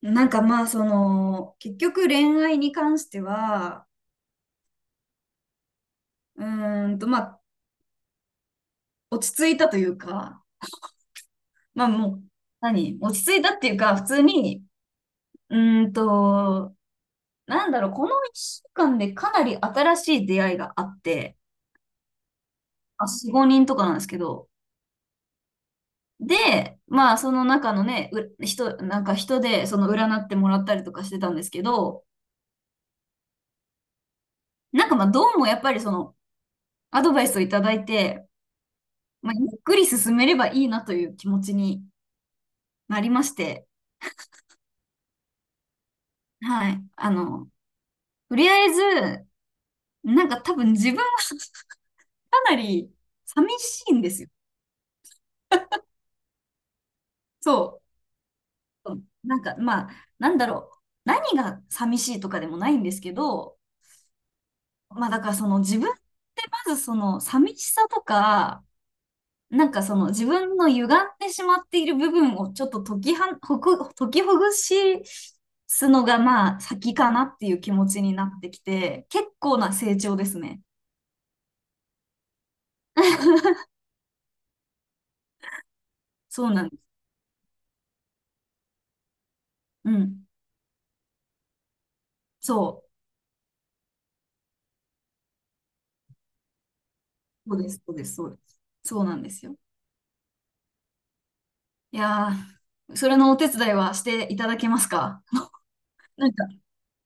なんかまあその結局恋愛に関しては、まあ落ち着いたというか、まあもう何、落ち着いたっていうか普通に、うーんとなんだろう、この1週間でかなり新しい出会いがあって、あ、4、5人とかなんですけど。でまあその中のね、う人なんか人でその占ってもらったりとかしてたんですけど、なんかまあどうもやっぱりそのアドバイスをいただいて、まあ、ゆっくり進めればいいなという気持ちにありまして、はい。あの、とりあえず、なんか多分自分は かなり寂しいんですよ。そう。なんか、まあ、なんだろう。何が寂しいとかでもないんですけど、まあだからその自分って、まずその寂しさとか、なんかその自分の歪んでしまっている部分をちょっと解きほぐしすのがまあ先かなっていう気持ちになってきて、結構な成長ですね。そうなんです。うん。そう。そうです、そうです、そうです。そうなんですよ。いやー、それのお手伝いはしていただけますか？なんか、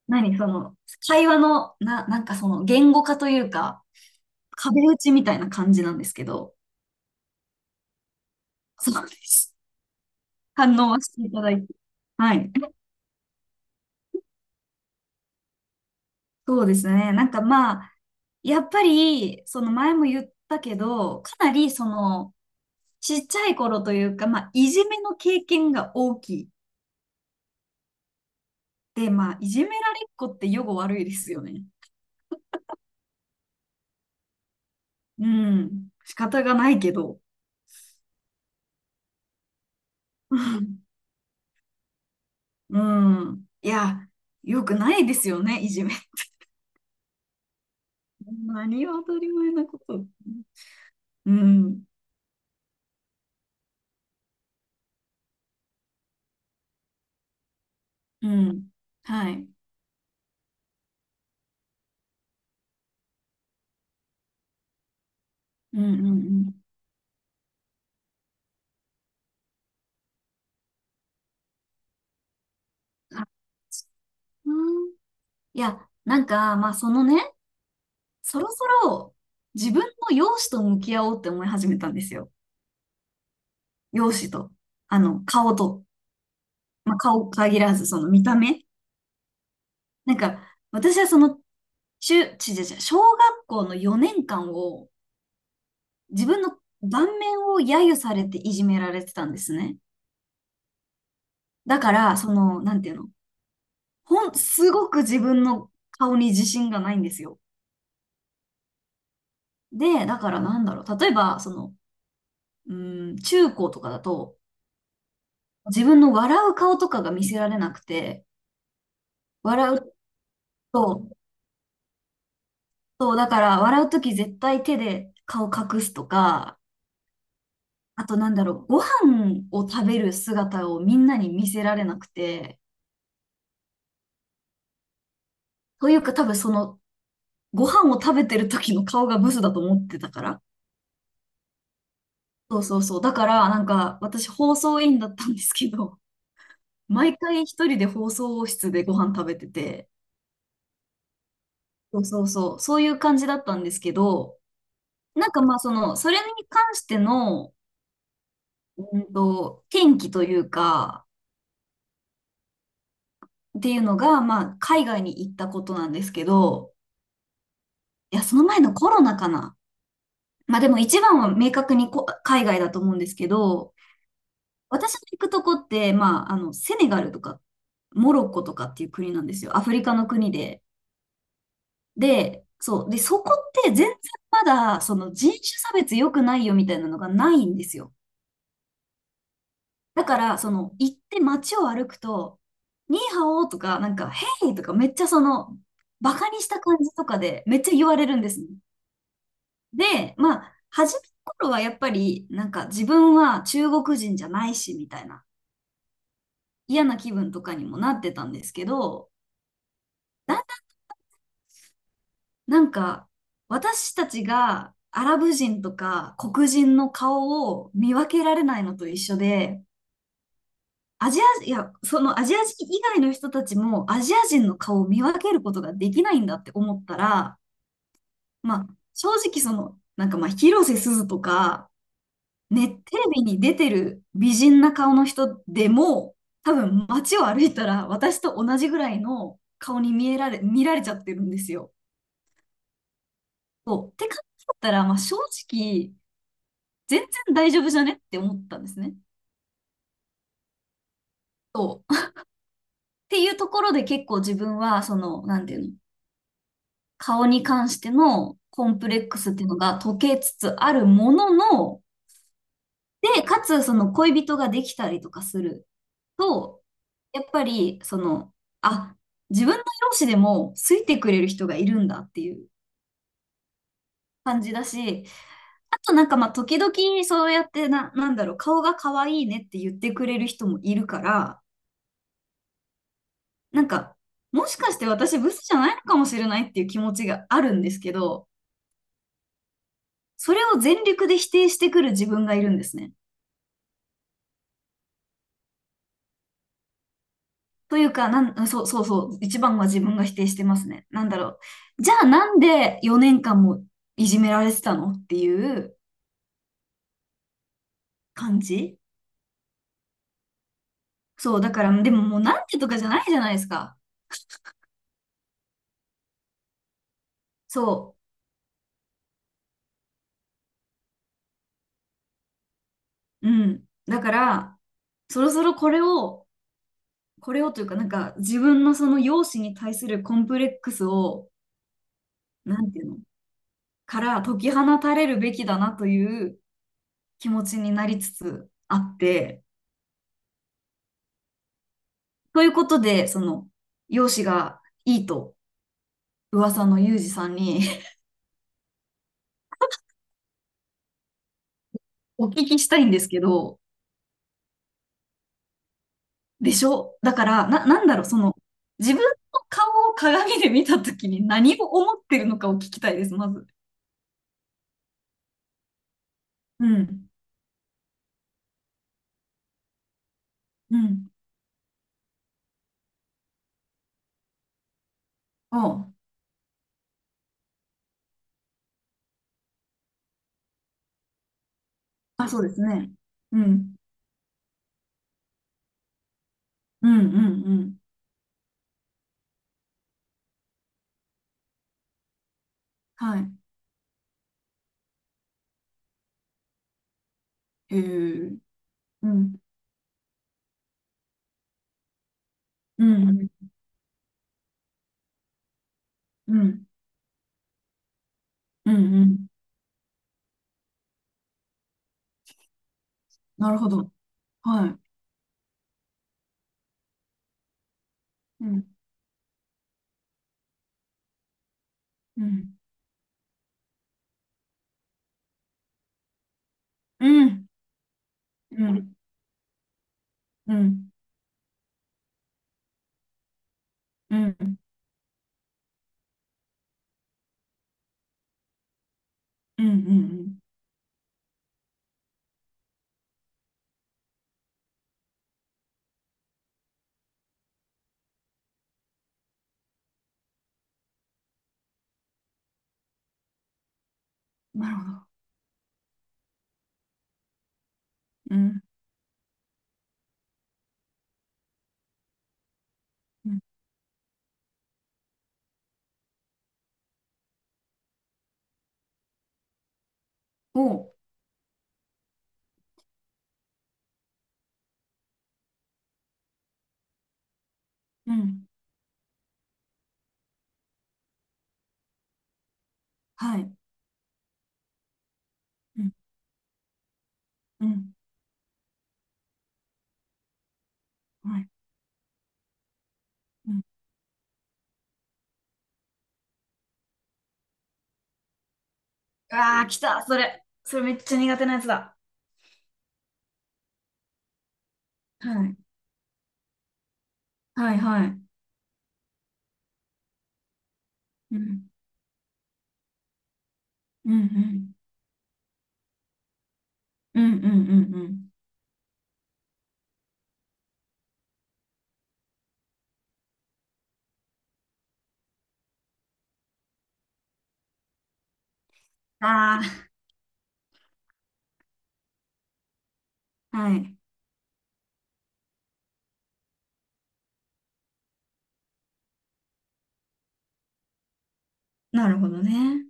何その、会話の、なんかその、言語化というか、壁打ちみたいな感じなんですけど、そうです。反応はしていただいて。はい。そうですね。なんかまあ、やっぱり、その前も言ったけど、かなりその、ちっちゃい頃というか、まあ、いじめの経験が大きい。で、まあ、いじめられっ子って予後悪いですよね。うん。仕方がないけど。うん。うん、いや、よくないですよね、いじめ。何を当たり前なこと。うん。うん。はい。うん、うん、うん。あ、うん。いや、なんか、まあ、そのね、そろそろ自分の容姿と向き合おうって思い始めたんですよ。容姿と。あの、顔と。まあ、顔限らず、その見た目。なんか、私はその、中、ちじゃじゃ、小学校の4年間を、自分の顔面を揶揄されていじめられてたんですね。だから、その、なんていうの、すごく自分の顔に自信がないんですよ。で、だからなんだろう、例えば、その、うーん、中高とかだと、自分の笑う顔とかが見せられなくて、笑うと、そう、だから笑うとき絶対手で顔隠すとか、あとなんだろう、ご飯を食べる姿をみんなに見せられなくて、というか多分そのご飯を食べてる時の顔がブスだと思ってたから。そうそうそう。だから、なんか、私、放送委員だったんですけど、毎回一人で放送室でご飯食べてて、そうそうそう、そういう感じだったんですけど、なんかまあ、その、それに関しての、転機というか、っていうのが、まあ、海外に行ったことなんですけど、いや、その前のコロナかな。まあでも一番は明確に海外だと思うんですけど、私の行くとこって、まあ、あの、セネガルとか、モロッコとかっていう国なんですよ。アフリカの国で。で、そう。で、そこって全然まだ、その人種差別良くないよみたいなのがないんですよ。だから、その、行って街を歩くと、ニーハオとか、なんか、ヘイとか、めっちゃその、バカにした感じとかで、めっちゃ言われるんですね。で、まあ、初めの頃はやっぱり、なんか、自分は中国人じゃないし、みたいな、嫌な気分とかにもなってたんですけど、だなんか、私たちがアラブ人とか黒人の顔を見分けられないのと一緒で、アジア、いや、そのアジア人以外の人たちもアジア人の顔を見分けることができないんだって思ったら、まあ、正直その、なんかまあ、広瀬すずとか、ね、テレビに出てる美人な顔の人でも、多分街を歩いたら私と同じぐらいの顔に見られちゃってるんですよ。そう。って考えたら、まあ、正直、全然大丈夫じゃねって思ったんですね。そう。っていうところで結構自分は、その、なんていうの、顔に関してのコンプレックスっていうのが解けつつあるものの、で、かつその恋人ができたりとかすると、やっぱり、その、あ、自分の容姿でも好いてくれる人がいるんだっていう感じだし、あとなんかまあ時々そうやってなんだろう、顔が可愛いねって言ってくれる人もいるから、なんか、もしかして私ブスじゃないのかもしれないっていう気持ちがあるんですけど、それを全力で否定してくる自分がいるんですね。というか、そうそうそう、一番は自分が否定してますね。なんだろう。じゃあなんで4年間もいじめられてたのっていう感じ。そう、だから、でももうなんでとかじゃないじゃないですか。そう、うん。だから、そろそろこれを、これをというか、なんか自分のその容姿に対するコンプレックスを、なんていうのから解き放たれるべきだなという気持ちになりつつあって、ということで、その、容姿がいいと噂のユージさんに お聞きしたいんですけど、でしょ。だから、なんだろう、その、自分の顔を鏡で見たときに何を思ってるのかを聞きたいです、まず。うん。うん。ああ、あ、そうですね。うん。うん、うん、うん。はい。へえ。うん。うん、うん、うん、うん、うん。なるほど。はい。うん、うん、うん、うん、うん、うん、うん、うん、うん、なるほど。うん、うん、おう、うん、はい、うん、うん、はい、うん、ああ、来た、それ。それめっちゃ苦手なやつだ。はい、はい、はい、うん、うん、うん、うん、うん、うん、うん、ああ、はい、なるほどね。